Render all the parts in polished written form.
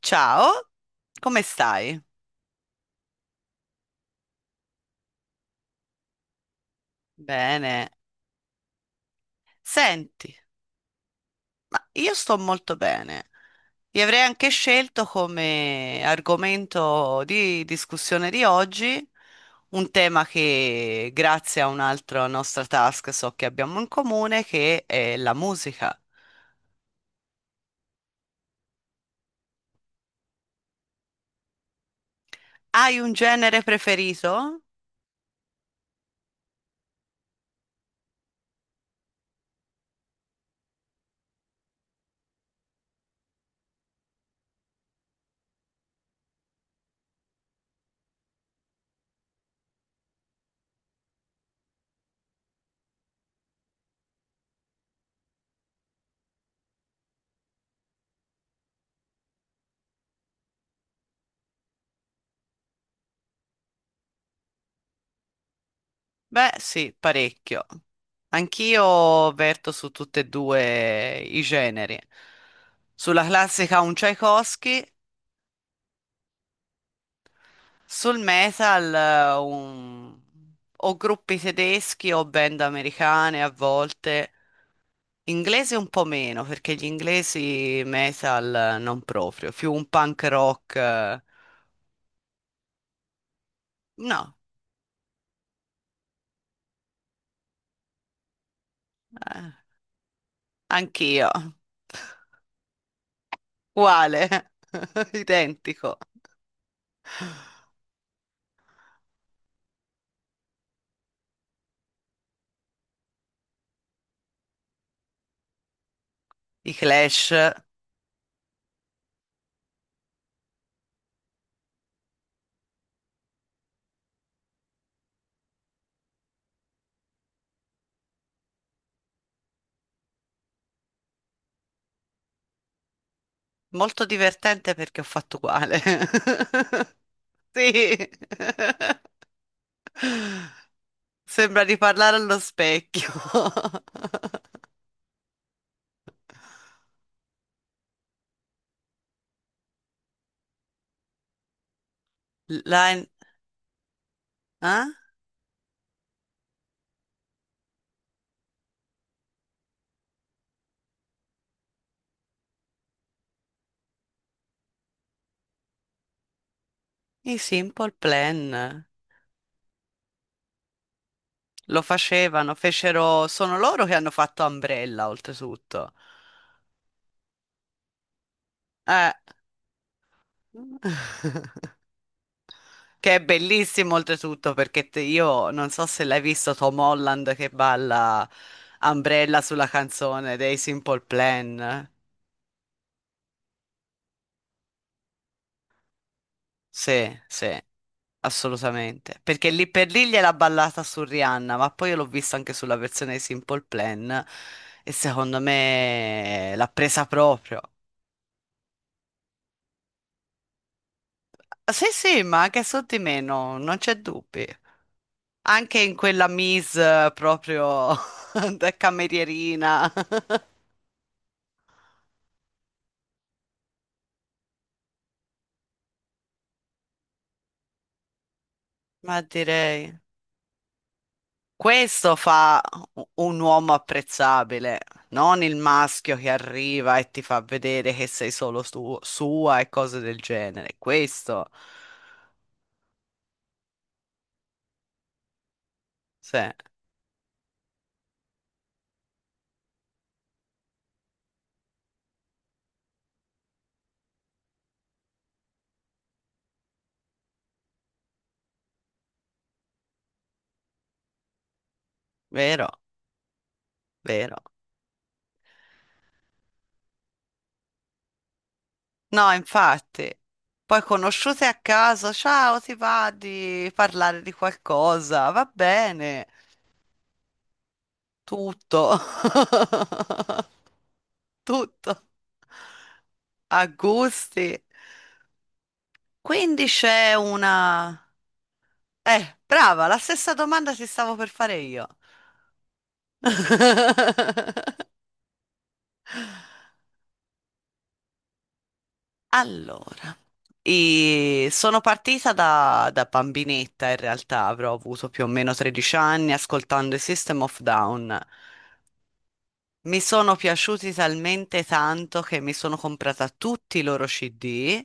Ciao, come stai? Bene. Senti, ma io sto molto bene. Vi avrei anche scelto come argomento di discussione di oggi un tema che, grazie a un'altra nostra task, so che abbiamo in comune, che è la musica. Hai un genere preferito? Beh, sì, parecchio. Anch'io verto su tutti e due i generi. Sulla classica un Tchaikovsky. Sul metal, o gruppi tedeschi o band americane a volte. Inglese un po' meno, perché gli inglesi metal non proprio, più un punk rock. No, eh, anch'io. Uguale, identico. I Clash, molto divertente perché ho fatto uguale. Sì. Sembra di parlare allo specchio. Line... Eh? I Simple Plan lo facevano, fecero, sono loro che hanno fatto Umbrella, oltretutto. Eh. Che è bellissimo, oltretutto, perché io non so se l'hai visto Tom Holland che balla Umbrella sulla canzone dei Simple Plan. Sì, sì, assolutamente. Perché lì per lì gliel'ha ballata su Rihanna, ma poi io l'ho vista anche sulla versione dei Simple Plan e secondo me l'ha presa proprio. Sì, sì, ma anche su di me no, non c'è dubbi. Anche in quella mise proprio da camerierina. Ma direi, questo fa un uomo apprezzabile, non il maschio che arriva e ti fa vedere che sei solo sua e cose del genere. Questo, sì, vero, vero. No, infatti, poi conosciute a caso, ciao, ti va di parlare di qualcosa, va bene. Tutto, tutto, a gusti. Quindi c'è una... brava, la stessa domanda ti stavo per fare io. Allora, e sono partita da bambinetta, in realtà avrò avuto più o meno 13 anni ascoltando i System of Down. Mi sono piaciuti talmente tanto che mi sono comprata tutti i loro CD.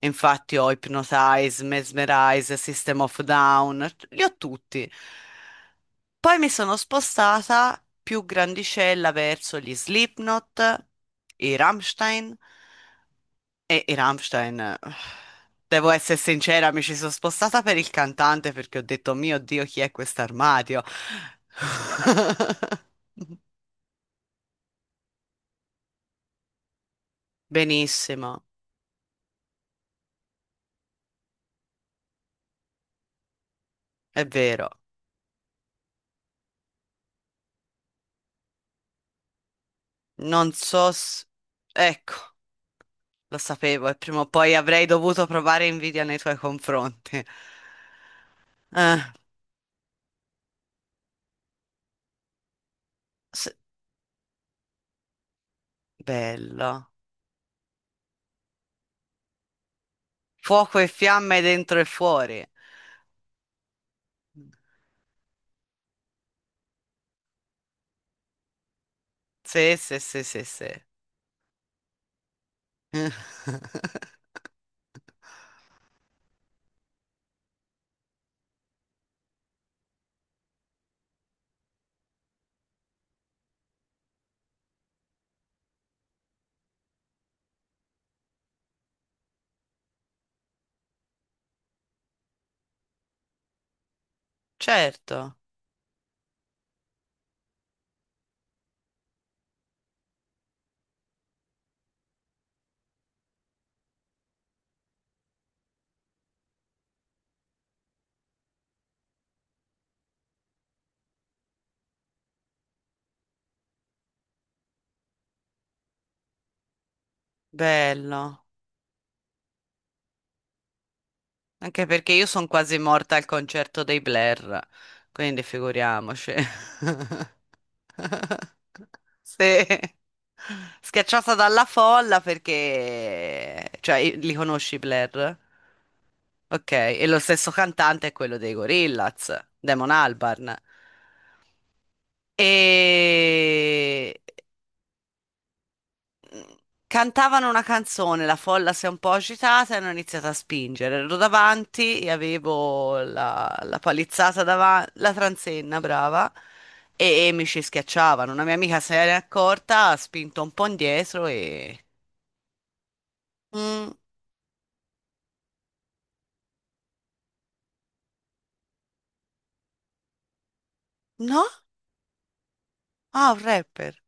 Infatti ho Hypnotize, Mesmerize, System of a Down, li ho tutti. Poi mi sono spostata più grandicella verso gli Slipknot, i Rammstein i Rammstein. Devo essere sincera, mi ci sono spostata per il cantante perché ho detto, mio Dio, chi è quest'armadio? Benissimo, è vero. Non so. Ecco, lo sapevo e prima o poi avrei dovuto provare invidia nei tuoi confronti. Eh, s- Bello. Fuoco e fiamme dentro e fuori. Sì, sì, sì, sì, sì. Certo, bello. Anche perché io sono quasi morta al concerto dei Blair, quindi figuriamoci. Sì. Schiacciata dalla folla perché... Cioè, li conosci i Blair? Ok, e lo stesso cantante è quello dei Gorillaz, Damon Albarn. E cantavano una canzone, la folla si è un po' agitata e hanno iniziato a spingere. Ero davanti e avevo la palizzata davanti, la transenna, brava, e mi ci schiacciavano. Una mia amica se n'è accorta, ha spinto un po' indietro e... Mm, no? Ah, un rapper.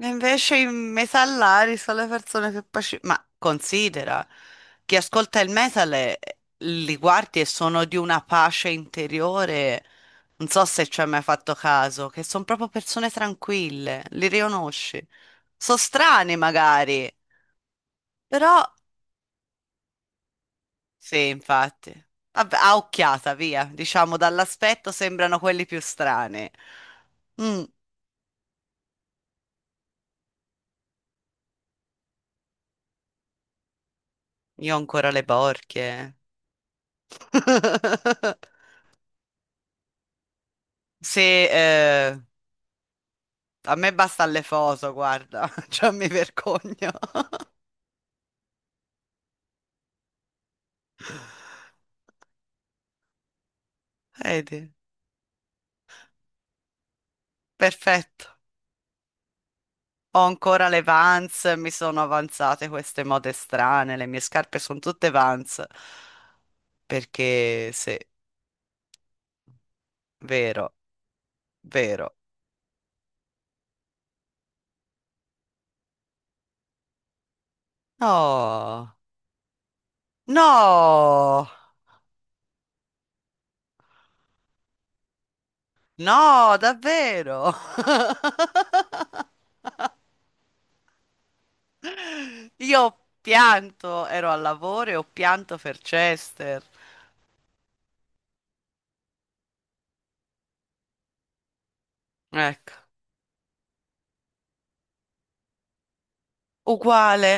E invece i mesallari sono le persone che Ma considera, chi ascolta il metal li guardi e sono di una pace interiore. Non so se ci hai mai fatto caso, che sono proprio persone tranquille, li riconosci. Sono strani magari, però sì, infatti. Vabbè, a occhiata, via. Diciamo, dall'aspetto sembrano quelli più strani. Mm, io ho ancora le borchie. Se, A me basta Allefoso, guarda, cioè mi vergogno. Vedi? Perfetto. Ho ancora le Vans, mi sono avanzate queste mode strane, le mie scarpe sono tutte Vans. Perché sì, vero, vero. No, no, no, davvero. Io ho pianto, ero al lavoro e ho pianto per Chester. Ecco, uguale.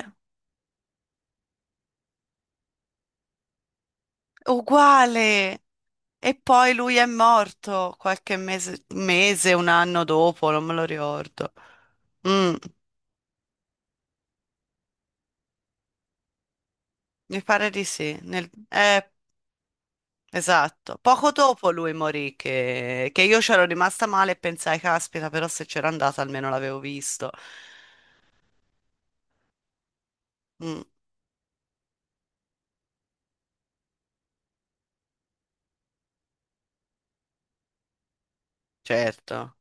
Uguale. E poi lui è morto qualche mese, mese, un anno dopo, non me lo ricordo. Mm, mi pare di sì. Esatto. Poco dopo lui morì, che io c'ero rimasta male e pensai, caspita, però se c'era andata almeno l'avevo visto. Mm, certo.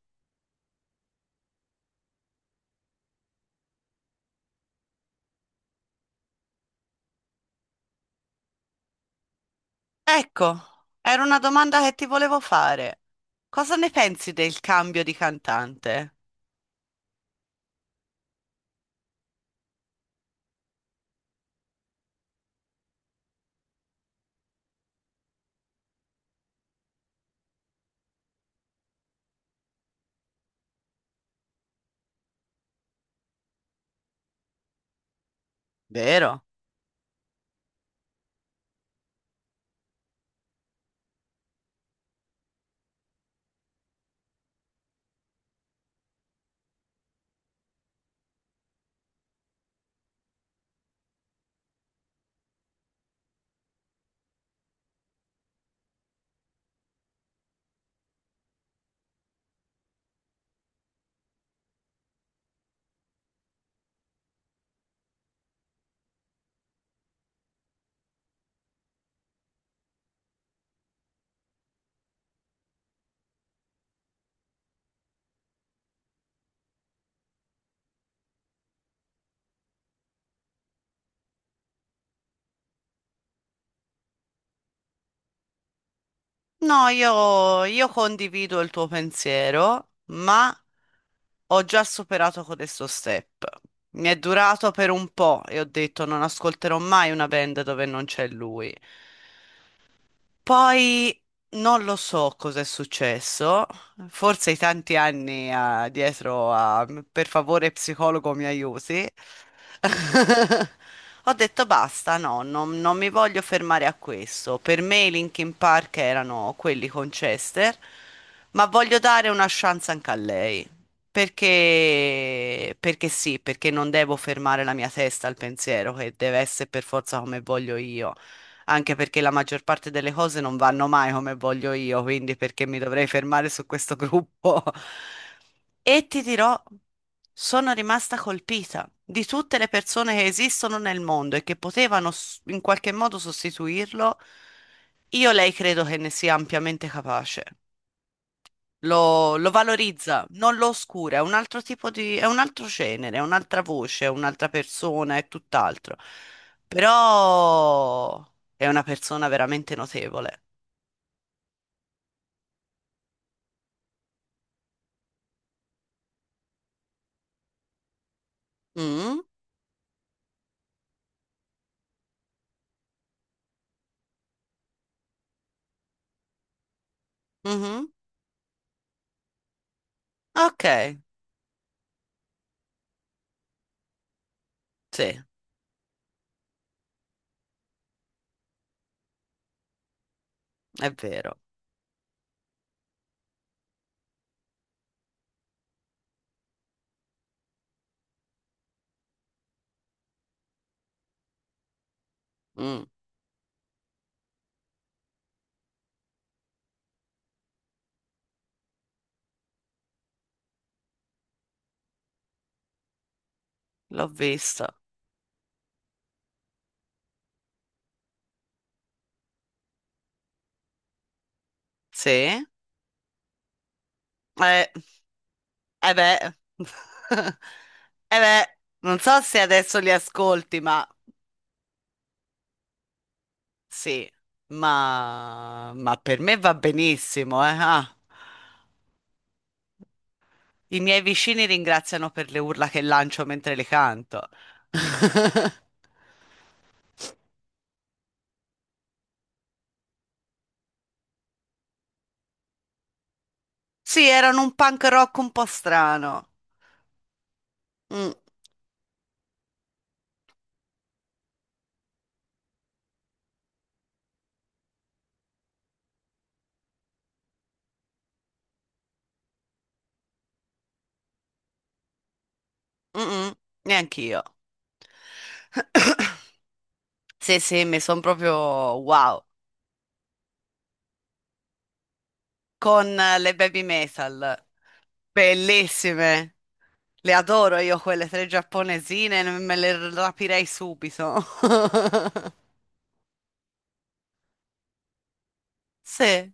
Ecco, era una domanda che ti volevo fare. Cosa ne pensi del cambio di cantante? Vero? No, io condivido il tuo pensiero, ma ho già superato questo step. Mi è durato per un po' e ho detto non ascolterò mai una band dove non c'è lui. Poi non lo so cosa è successo, forse i tanti anni dietro a per favore psicologo mi aiuti. Ho detto basta, no, non mi voglio fermare a questo. Per me i Linkin Park erano quelli con Chester, ma voglio dare una chance anche a lei. Perché sì, perché non devo fermare la mia testa al pensiero che deve essere per forza come voglio io, anche perché la maggior parte delle cose non vanno mai come voglio io, quindi perché mi dovrei fermare su questo gruppo? E ti dirò, sono rimasta colpita di tutte le persone che esistono nel mondo e che potevano in qualche modo sostituirlo. Io lei credo che ne sia ampiamente capace, lo valorizza, non lo oscura, è un altro tipo di, è un altro genere, è un'altra voce, è un'altra persona, è tutt'altro. Però è una persona veramente notevole. Mm, mhm. Ok, sì, è vero. Mm, L'ho visto. Sì. Eh beh. Eh beh, non so se adesso li ascolti, ma sì, ma per me va benissimo, eh. Ah. I miei vicini ringraziano per le urla che lancio mentre le canto. Sì, erano un punk rock un po' strano. Mm, mm, mm, neanch'io. Sì, sì, mi sono proprio wow. Con le baby metal, bellissime. Le adoro io quelle tre giapponesine, me le rapirei subito. Sì.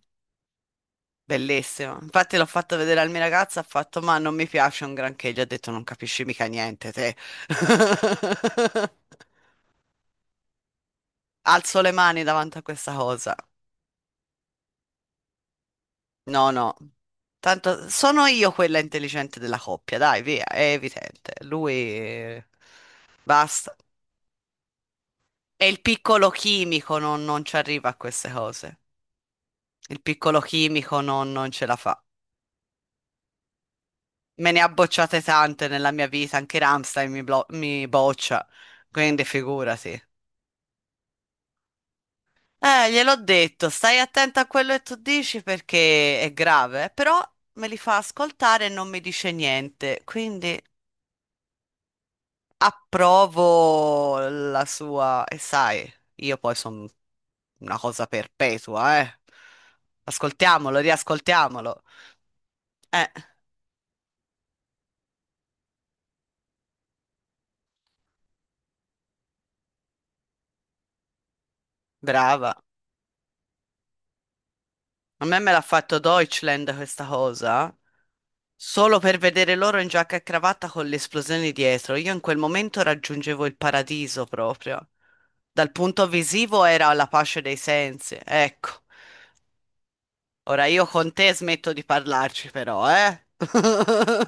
Bellissimo. Infatti l'ho fatto vedere al mia ragazza, ha fatto, ma non mi piace un granché, gli ho detto, non capisci mica niente te. Alzo le mani davanti a questa cosa. No, no. Tanto sono io quella intelligente della coppia, dai, via, è evidente. Lui basta. E il piccolo chimico non ci arriva a queste cose. Il piccolo chimico non ce la fa. Me ne ha bocciate tante nella mia vita, anche Rammstein mi boccia, quindi figurati. Gliel'ho detto, stai attenta a quello che tu dici perché è grave, però me li fa ascoltare e non mi dice niente, quindi approvo la sua, e sai, io poi sono una cosa perpetua, eh. Ascoltiamolo, riascoltiamolo. Eh, brava. A me me l'ha fatto Deutschland questa cosa, solo per vedere loro in giacca e cravatta con le esplosioni dietro. Io in quel momento raggiungevo il paradiso proprio. Dal punto visivo era la pace dei sensi. Ecco, ora io con te smetto di parlarci però, eh?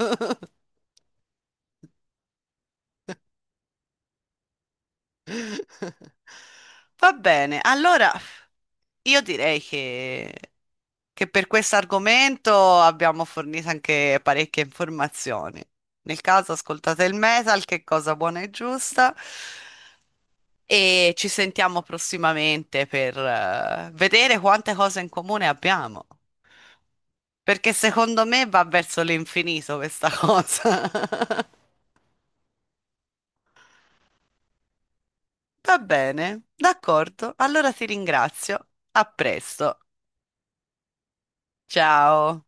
Va bene, allora io direi che per questo argomento abbiamo fornito anche parecchie informazioni. Nel caso ascoltate il metal, che è cosa buona e giusta, e ci sentiamo prossimamente per vedere quante cose in comune abbiamo, perché secondo me va verso l'infinito questa cosa. Va bene, d'accordo, allora ti ringrazio, a presto, ciao.